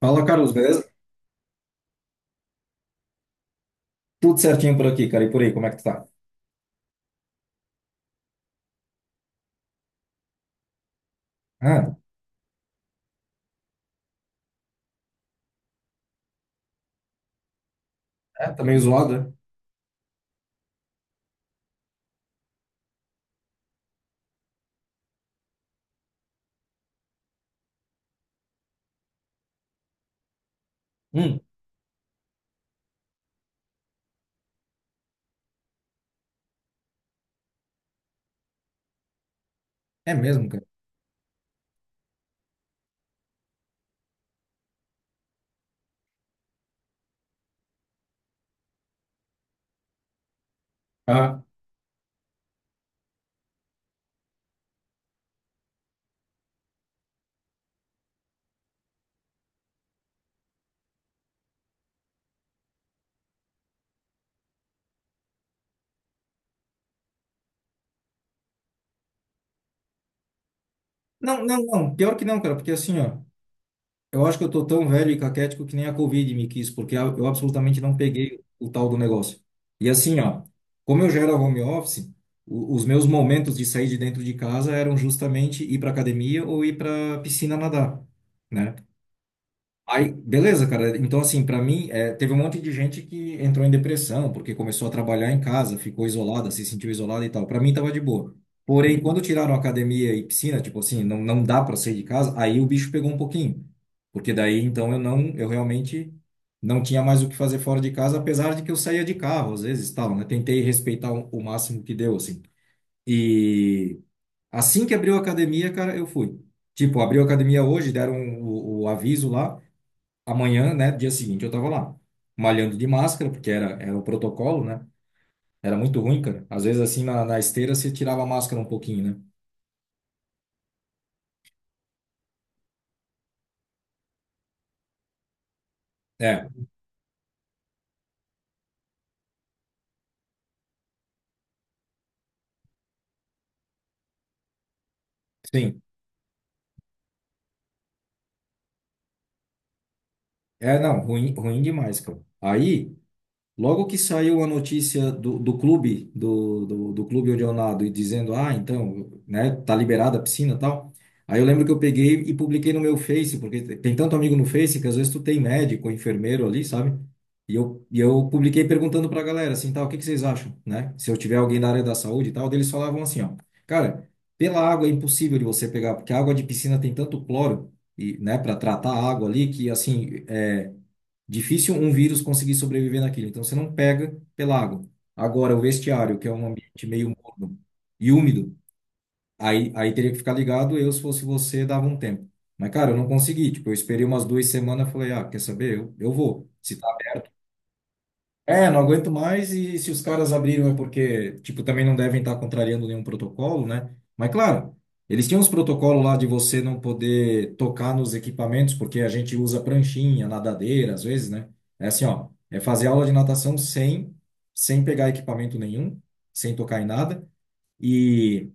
Fala, Carlos, beleza? Tudo certinho por aqui, cara. E por aí, como é que tu tá? Ah, é, tá meio zoado, né? Hum, é mesmo, cara. Ah. Não, não, não. Pior que não, cara, porque assim, ó, eu acho que eu tô tão velho e caquético que nem a Covid me quis, porque eu absolutamente não peguei o tal do negócio. E assim, ó, como eu já era home office, os meus momentos de sair de dentro de casa eram justamente ir pra academia ou ir pra piscina nadar, né? Aí, beleza, cara. Então, assim, pra mim, é, teve um monte de gente que entrou em depressão porque começou a trabalhar em casa, ficou isolada, se sentiu isolada e tal. Pra mim, tava de boa. Porém, quando tiraram academia e piscina, tipo assim, não, não dá pra sair de casa, aí o bicho pegou um pouquinho. Porque daí, então, eu não, eu realmente não tinha mais o que fazer fora de casa, apesar de que eu saía de carro, às vezes, tal, né? Tentei respeitar o máximo que deu, assim. E assim que abriu a academia, cara, eu fui. Tipo, abriu a academia hoje, deram o aviso lá amanhã, né, dia seguinte, eu tava lá, malhando de máscara, porque era o protocolo, né? Era muito ruim, cara. Às vezes, assim, na esteira, você tirava a máscara um pouquinho, né? É, sim. É, não, ruim, ruim demais, cara. Aí. Logo que saiu a notícia do clube, do clube onde eu nado, e dizendo, ah, então, né, tá liberada a piscina e tal. Aí eu lembro que eu peguei e publiquei no meu Face, porque tem tanto amigo no Face que às vezes tu tem médico, enfermeiro ali, sabe? E eu publiquei perguntando pra galera, assim, tal, o que que vocês acham, né? Se eu tiver alguém da área da saúde e tal, daí eles falavam assim, ó, cara, pela água é impossível de você pegar, porque a água de piscina tem tanto cloro, e, né, para tratar a água ali, que assim, é difícil um vírus conseguir sobreviver naquilo. Então você não pega pela água. Agora, o vestiário, que é um ambiente meio morno e úmido, aí teria que ficar ligado. Eu, se fosse você, dava um tempo. Mas, cara, eu não consegui. Tipo, eu esperei umas 2 semanas, falei, ah, quer saber? Eu vou. Se é, não aguento mais e se os caras abriram é porque, tipo, também não devem estar contrariando nenhum protocolo, né? Mas claro, eles tinham uns protocolos lá de você não poder tocar nos equipamentos, porque a gente usa pranchinha, nadadeira, às vezes, né? É assim, ó, é fazer aula de natação sem pegar equipamento nenhum, sem tocar em nada, e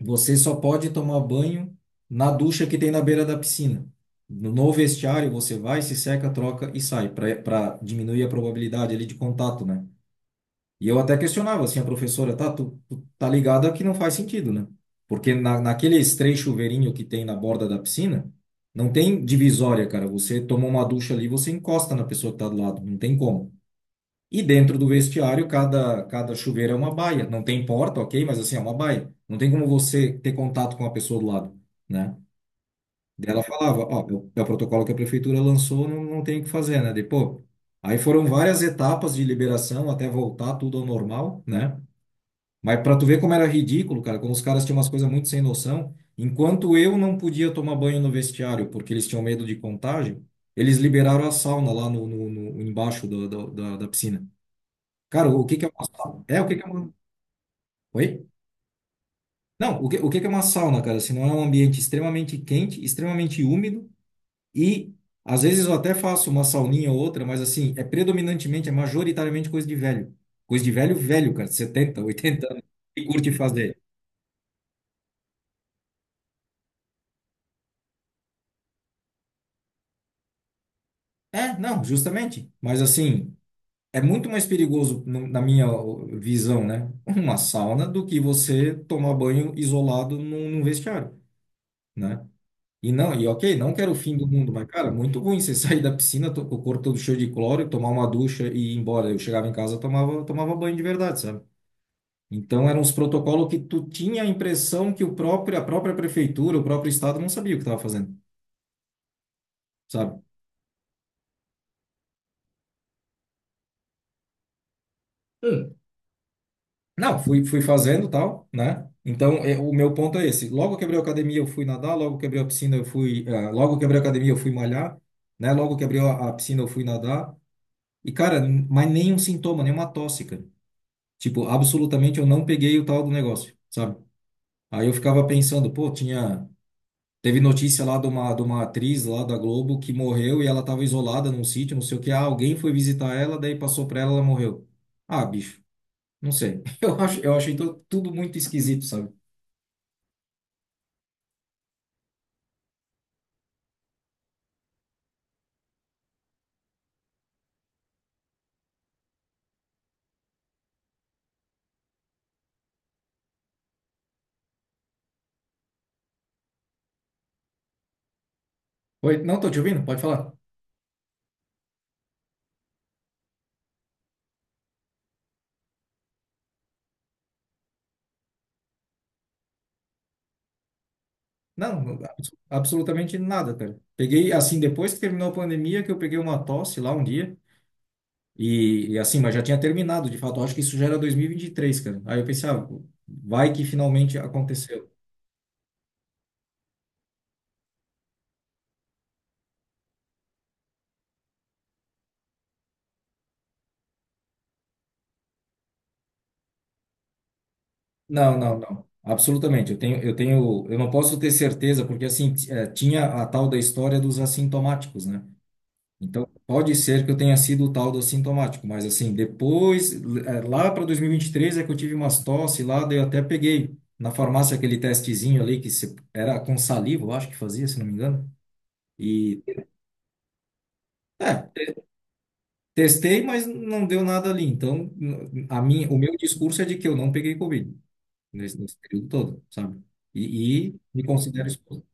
você só pode tomar banho na ducha que tem na beira da piscina. No vestiário você vai, se seca, troca e sai, para diminuir a probabilidade ali de contato, né? E eu até questionava assim, a professora, tá, tu tá ligada que não faz sentido, né? Porque naqueles três chuveirinhos que tem na borda da piscina, não tem divisória, cara. Você toma uma ducha ali, você encosta na pessoa que tá do lado, não tem como. E dentro do vestiário, cada chuveiro é uma baia. Não tem porta, ok, mas assim, é uma baia. Não tem como você ter contato com a pessoa do lado, né? Daí ela falava, ó, é o protocolo que a prefeitura lançou, não, não tem o que fazer, né? Depois, aí foram várias etapas de liberação até voltar tudo ao normal, né? Mas pra tu ver como era ridículo, cara, como os caras tinham umas coisas muito sem noção, enquanto eu não podia tomar banho no vestiário porque eles tinham medo de contágio, eles liberaram a sauna lá embaixo da piscina. Cara, o que que é uma sauna? É, o que que é uma. Oi? Não, o que que é uma sauna, cara? Se não é um ambiente extremamente quente, extremamente úmido e às vezes eu até faço uma sauninha ou outra, mas assim, é predominantemente, é majoritariamente coisa de velho. Coisa de velho, velho, cara, 70, 80 anos, que curte fazer. É, não, justamente. Mas assim, é muito mais perigoso, na minha visão, né? Uma sauna do que você tomar banho isolado num, vestiário, né? E não, e ok, não quero o fim do mundo, mas cara, muito ruim você sair da piscina, o corpo todo cheio de cloro, tomar uma ducha e ir embora. Eu chegava em casa, tomava banho de verdade, sabe? Então eram os protocolos que tu tinha a impressão que o próprio, a própria prefeitura, o próprio estado não sabia o que estava fazendo, sabe? Não, fui, fui fazendo tal, né? Então, é, o meu ponto é esse. Logo quebrei a academia, eu fui nadar. Logo quebrei a piscina, eu fui. Ah, logo quebrei a academia, eu fui malhar, né? Logo quebrei a piscina, eu fui nadar. E, cara, mas nenhum sintoma, nenhuma tosse, cara. Tipo, absolutamente eu não peguei o tal do negócio, sabe? Aí eu ficava pensando, pô, tinha. Teve notícia lá de uma atriz lá da Globo que morreu e ela tava isolada num sítio, não sei o que. Ah, alguém foi visitar ela, daí passou pra ela, ela morreu. Ah, bicho, não sei. Eu acho, eu achei tudo muito esquisito, sabe? Oi, não, tô te ouvindo, pode falar. Não, absolutamente nada, cara. Peguei, assim, depois que terminou a pandemia, que eu peguei uma tosse lá um dia, e assim, mas já tinha terminado, de fato, eu acho que isso já era 2023, cara. Aí eu pensei, ah, vai que finalmente aconteceu. Não, não, não, absolutamente, eu não posso ter certeza, porque assim, tinha a tal da história dos assintomáticos, né? Então, pode ser que eu tenha sido o tal do assintomático, mas assim, depois, lá para 2023 é que eu tive umas tosse lá, daí eu até peguei na farmácia aquele testezinho ali que era com saliva, eu acho que fazia, se não me engano. E é, testei, mas não deu nada ali. Então, o meu discurso é de que eu não peguei Covid nesse período todo, sabe? E me considero exposto.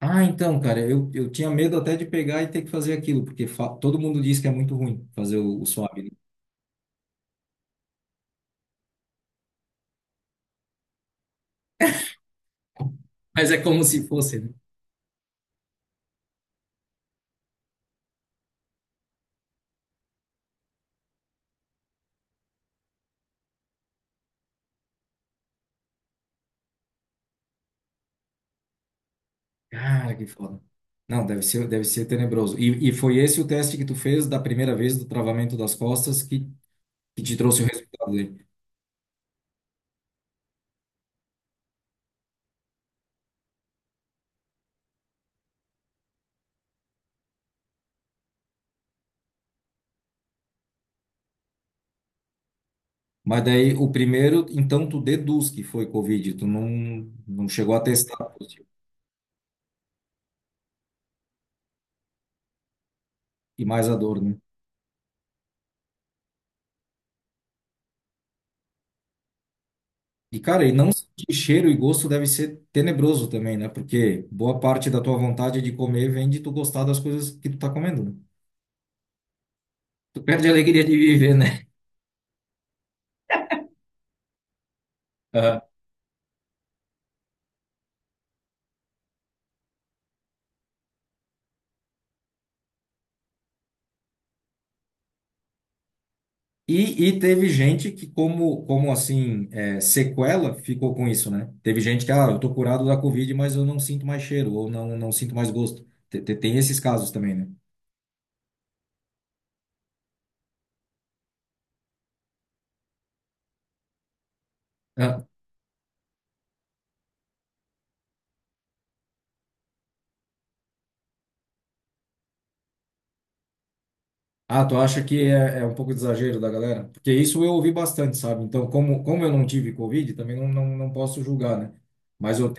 Ah, então, cara, eu tinha medo até de pegar e ter que fazer aquilo, porque todo mundo diz que é muito ruim fazer o swab, né? Mas é como se fosse, né? Cara, que foda. Não, deve ser tenebroso. E foi esse o teste que tu fez da primeira vez do travamento das costas que te trouxe o resultado aí. Mas daí o primeiro, então tu deduz que foi Covid, tu não chegou a testar positivo. E mais a dor, né? E cara, e não sentir cheiro e gosto deve ser tenebroso também, né? Porque boa parte da tua vontade de comer vem de tu gostar das coisas que tu tá comendo, né? Tu perde a alegria de viver, né? E teve gente que, como assim, é, sequela, ficou com isso, né? Teve gente que, ah, eu tô curado da Covid, mas eu não sinto mais cheiro, ou não, não sinto mais gosto. Tem, esses casos também, né? Ah, ah, tu acha que é um pouco de exagero da galera? Porque isso eu ouvi bastante, sabe? Então, como eu não tive Covid, também não posso julgar, né? Mas eu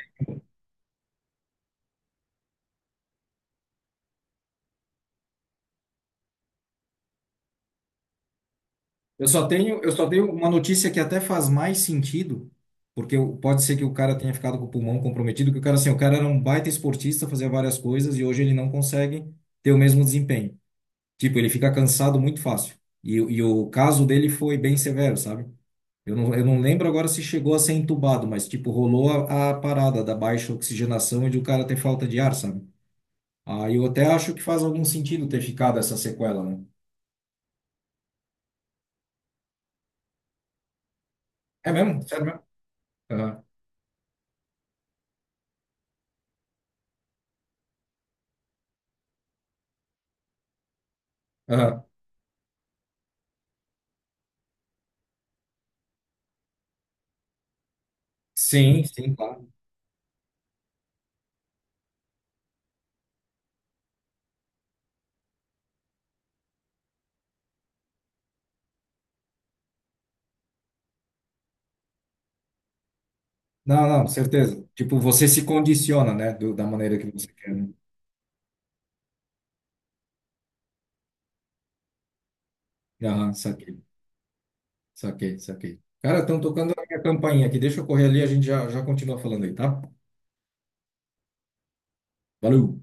Eu só tenho, eu só tenho uma notícia que até faz mais sentido, porque pode ser que o cara tenha ficado com o pulmão comprometido, que o cara assim, o cara era um baita esportista, fazia várias coisas e hoje ele não consegue ter o mesmo desempenho. Tipo, ele fica cansado muito fácil. E o caso dele foi bem severo, sabe? Eu não lembro agora se chegou a ser entubado, mas tipo, rolou a parada da baixa oxigenação e de o cara ter falta de ar, sabe? Aí eu até acho que faz algum sentido ter ficado essa sequela, né? É mesmo? Sério mesmo? Aham. Aham. Sim, sim, claro. Não, não, certeza. Tipo, você se condiciona, né, da maneira que você quer, né? Aham, saquei, saquei, saquei. Cara, estão tocando a minha campainha aqui. Deixa eu correr ali, a gente já, já continua falando aí, tá? Valeu!